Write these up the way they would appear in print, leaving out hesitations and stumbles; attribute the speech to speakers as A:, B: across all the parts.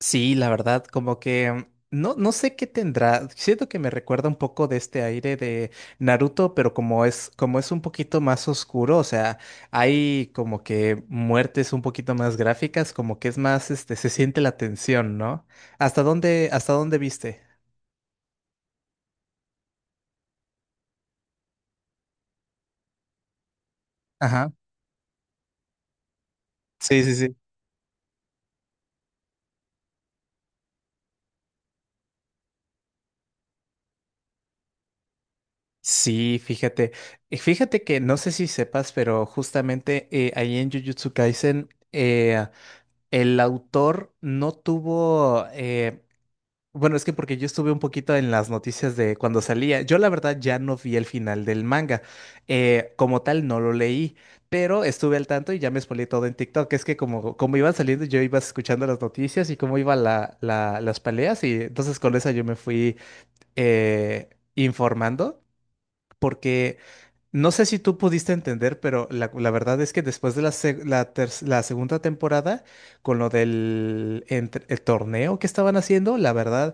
A: Sí, la verdad, como que no sé qué tendrá. Siento que me recuerda un poco de este aire de Naruto, pero como es un poquito más oscuro, o sea, hay como que muertes un poquito más gráficas, como que es más, se siente la tensión, ¿no? ¿Hasta dónde viste? Ajá. Sí, sí, sí. Sí, fíjate. Fíjate que no sé si sepas, pero justamente ahí en Jujutsu Kaisen, el autor no tuvo. Bueno, es que porque yo estuve un poquito en las noticias de cuando salía. Yo la verdad ya no vi el final del manga. Como tal, no lo leí, pero estuve al tanto y ya me spoileé todo en TikTok. Es que como iban saliendo, yo iba escuchando las noticias y cómo iban las peleas y entonces con eso yo me fui eh, informando porque... No sé si tú pudiste entender, pero la verdad es que después de la segunda temporada, con lo el torneo que estaban haciendo, la verdad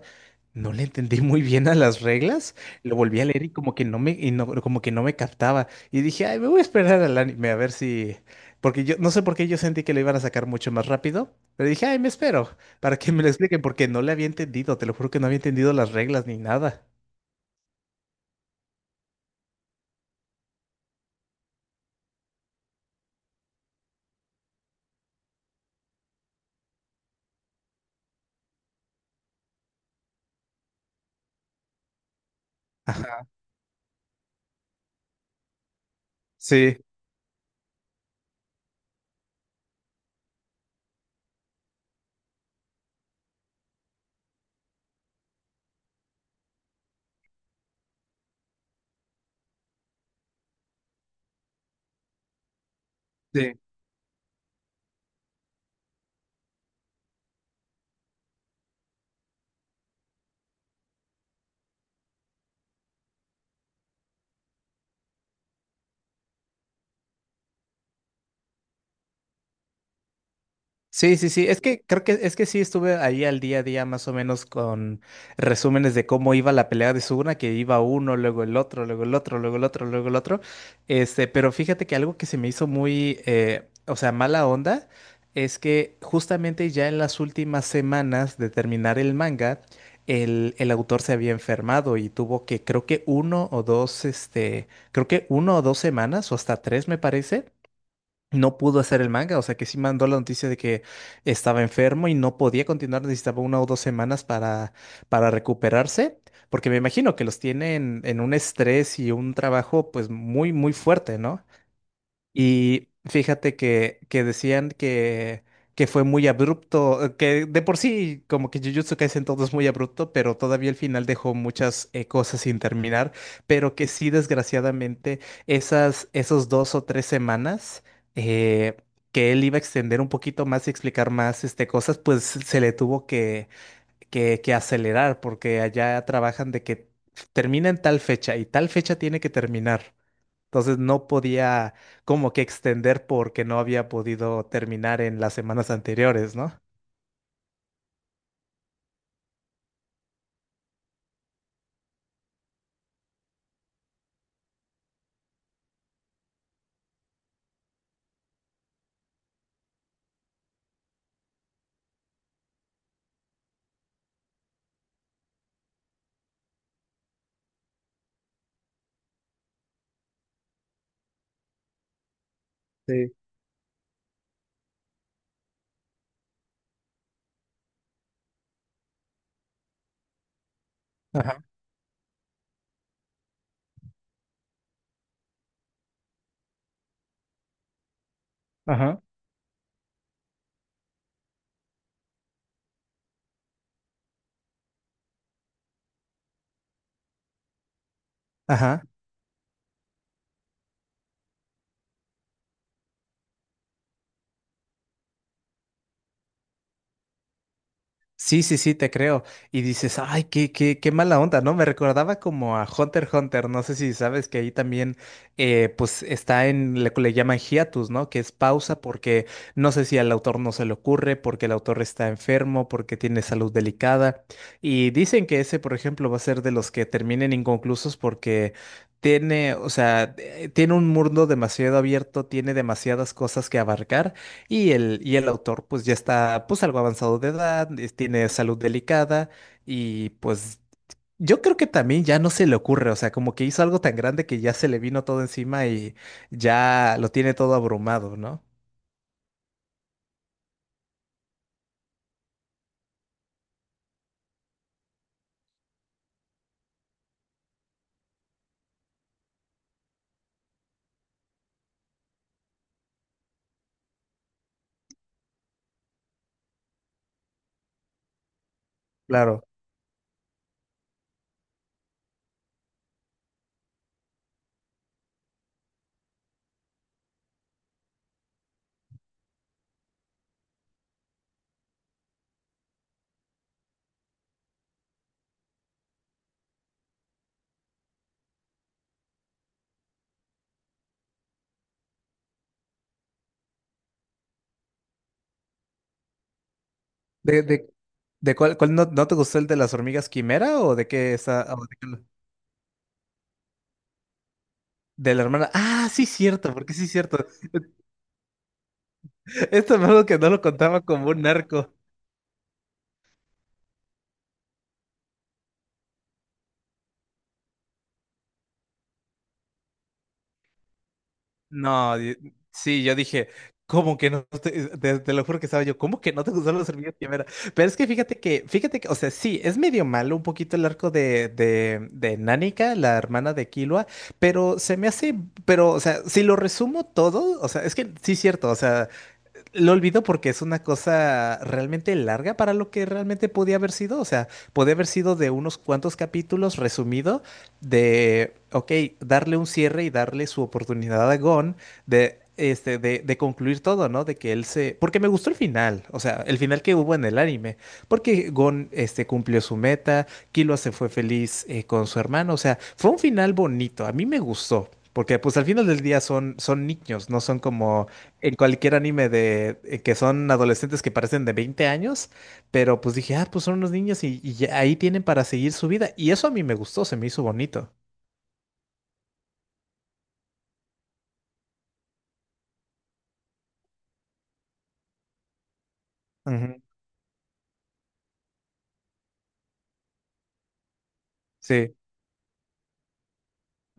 A: no le entendí muy bien a las reglas. Lo volví a leer y como que no me, y como que no me captaba. Y dije, ay, me voy a esperar al anime a ver si. Porque yo no sé por qué yo sentí que lo iban a sacar mucho más rápido, pero dije, ay, me espero para que me lo expliquen, porque no le había entendido. Te lo juro que no había entendido las reglas ni nada. Sí, sí. Sí, sí, sí. Es que creo que es que sí estuve ahí al día a día más o menos con resúmenes de cómo iba la pelea de Suguna, que iba uno, luego el otro, luego el otro, luego el otro, luego el otro. Pero fíjate que algo que se me hizo muy, o sea, mala onda, es que justamente ya en las últimas semanas de terminar el manga, el autor se había enfermado y tuvo que, creo que uno o dos, creo que uno o dos semanas, o hasta tres me parece no pudo hacer el manga, o sea que sí mandó la noticia de que estaba enfermo y no podía continuar, necesitaba una o dos semanas para recuperarse, porque me imagino que los tienen en un estrés y un trabajo pues muy, muy fuerte, ¿no? Y fíjate que decían que fue muy abrupto, que de por sí como que Jujutsu Kaisen todo es muy abrupto, pero todavía el final dejó muchas cosas sin terminar, pero que sí desgraciadamente esas, esos dos o tres semanas eh, que él iba a extender un poquito más y explicar más cosas, pues se le tuvo que acelerar porque allá trabajan de que termina en tal fecha y tal fecha tiene que terminar. Entonces no podía como que extender porque no había podido terminar en las semanas anteriores, ¿no? Sí. Ajá, ajá, ajá. Sí, sí, sí, te creo. Y dices, ay, qué mala onda, ¿no? Me recordaba como a Hunter x Hunter, no sé si sabes que ahí también, pues está en lo que le llaman hiatus, ¿no? Que es pausa porque no sé si al autor no se le ocurre, porque el autor está enfermo, porque tiene salud delicada. Y dicen que ese, por ejemplo, va a ser de los que terminen inconclusos porque tiene, o sea, tiene un mundo demasiado abierto, tiene demasiadas cosas que abarcar. Y el autor pues ya está pues algo avanzado de edad, tiene salud delicada y pues yo creo que también ya no se le ocurre, o sea, como que hizo algo tan grande que ya se le vino todo encima y ya lo tiene todo abrumado, ¿no? Claro. ¿De, de, de cuál, cuál no te gustó el de las hormigas quimera o de qué está? ¿O de qué? De la hermana. Ah, sí, cierto, porque sí, cierto. Esto es algo que no lo contaba como un narco. No, sí, yo dije, ¿cómo que no te, te lo juro que estaba yo, ¿cómo que no te gustan los servicios de primera? Pero es que fíjate que, o sea, sí, es medio malo un poquito el arco de Nánica, la hermana de Killua, pero se me hace, pero, o sea, si lo resumo todo, o sea, es que sí es cierto, o sea lo olvido porque es una cosa realmente larga para lo que realmente podía haber sido. O sea, podía haber sido de unos cuantos capítulos resumido de, ok, darle un cierre y darle su oportunidad a Gon de, de concluir todo, ¿no? De que él se... Porque me gustó el final, o sea, el final que hubo en el anime. Porque Gon, cumplió su meta, Killua se fue feliz con su hermano. O sea, fue un final bonito, a mí me gustó. Porque pues al final del día son niños, no son como en cualquier anime de que son adolescentes que parecen de 20 años, pero pues dije, ah, pues son unos niños y ya ahí tienen para seguir su vida. Y eso a mí me gustó, se me hizo bonito. Ujú. Sí,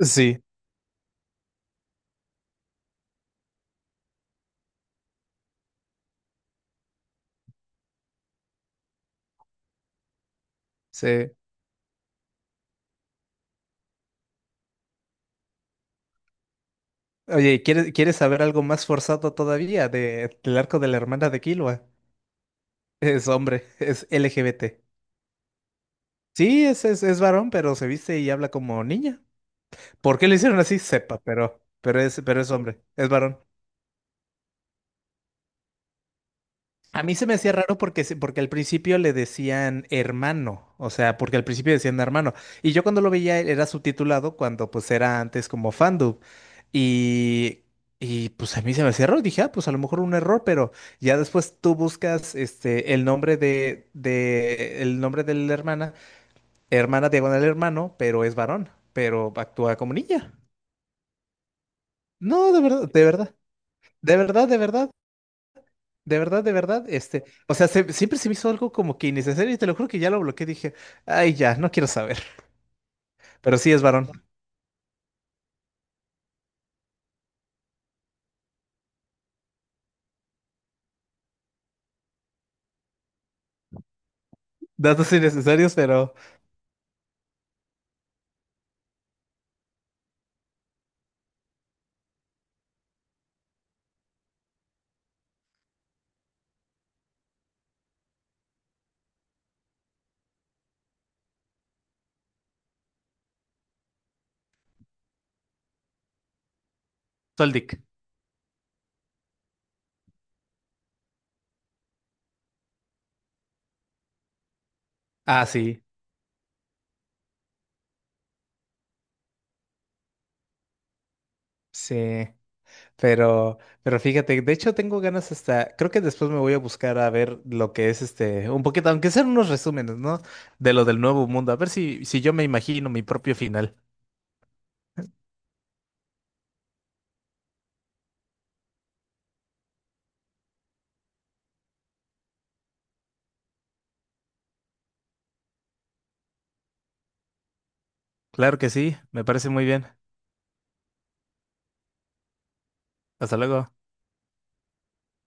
A: sí, sí. Oye, ¿quieres saber algo más forzado todavía de, del arco de la hermana de Killua? Es hombre, es LGBT. Sí, es varón, pero se viste y habla como niña. ¿Por qué lo hicieron así? Sepa, pero pero es hombre, es varón. A mí se me hacía raro porque, porque al principio le decían hermano, o sea, porque al principio decían hermano. Y yo cuando lo veía e, era subtitulado cuando pues era antes como fandub. Y, y pues a mí se me hacía raro, dije, ah, pues a lo mejor un error, pero ya después tú buscas este, el nombre el nombre de la hermana, hermana diagonal hermano, pero es varón, pero actúa como niña. No, de verdad, de verdad, de verdad, de verdad, de verdad. De verdad, de verdad, o sea, siempre se me hizo algo como que innecesario y te lo juro que ya lo bloqueé, dije, ay, ya, no quiero saber. Pero sí es varón. Datos innecesarios, pero Soldic. Ah, sí, sí. Pero, pero fíjate, de hecho tengo ganas hasta, creo que después me voy a buscar a ver lo que es este, un poquito, aunque sean unos resúmenes, ¿no? De lo del nuevo mundo, a ver si, si yo me imagino mi propio final. Claro que sí, me parece muy bien. Hasta luego.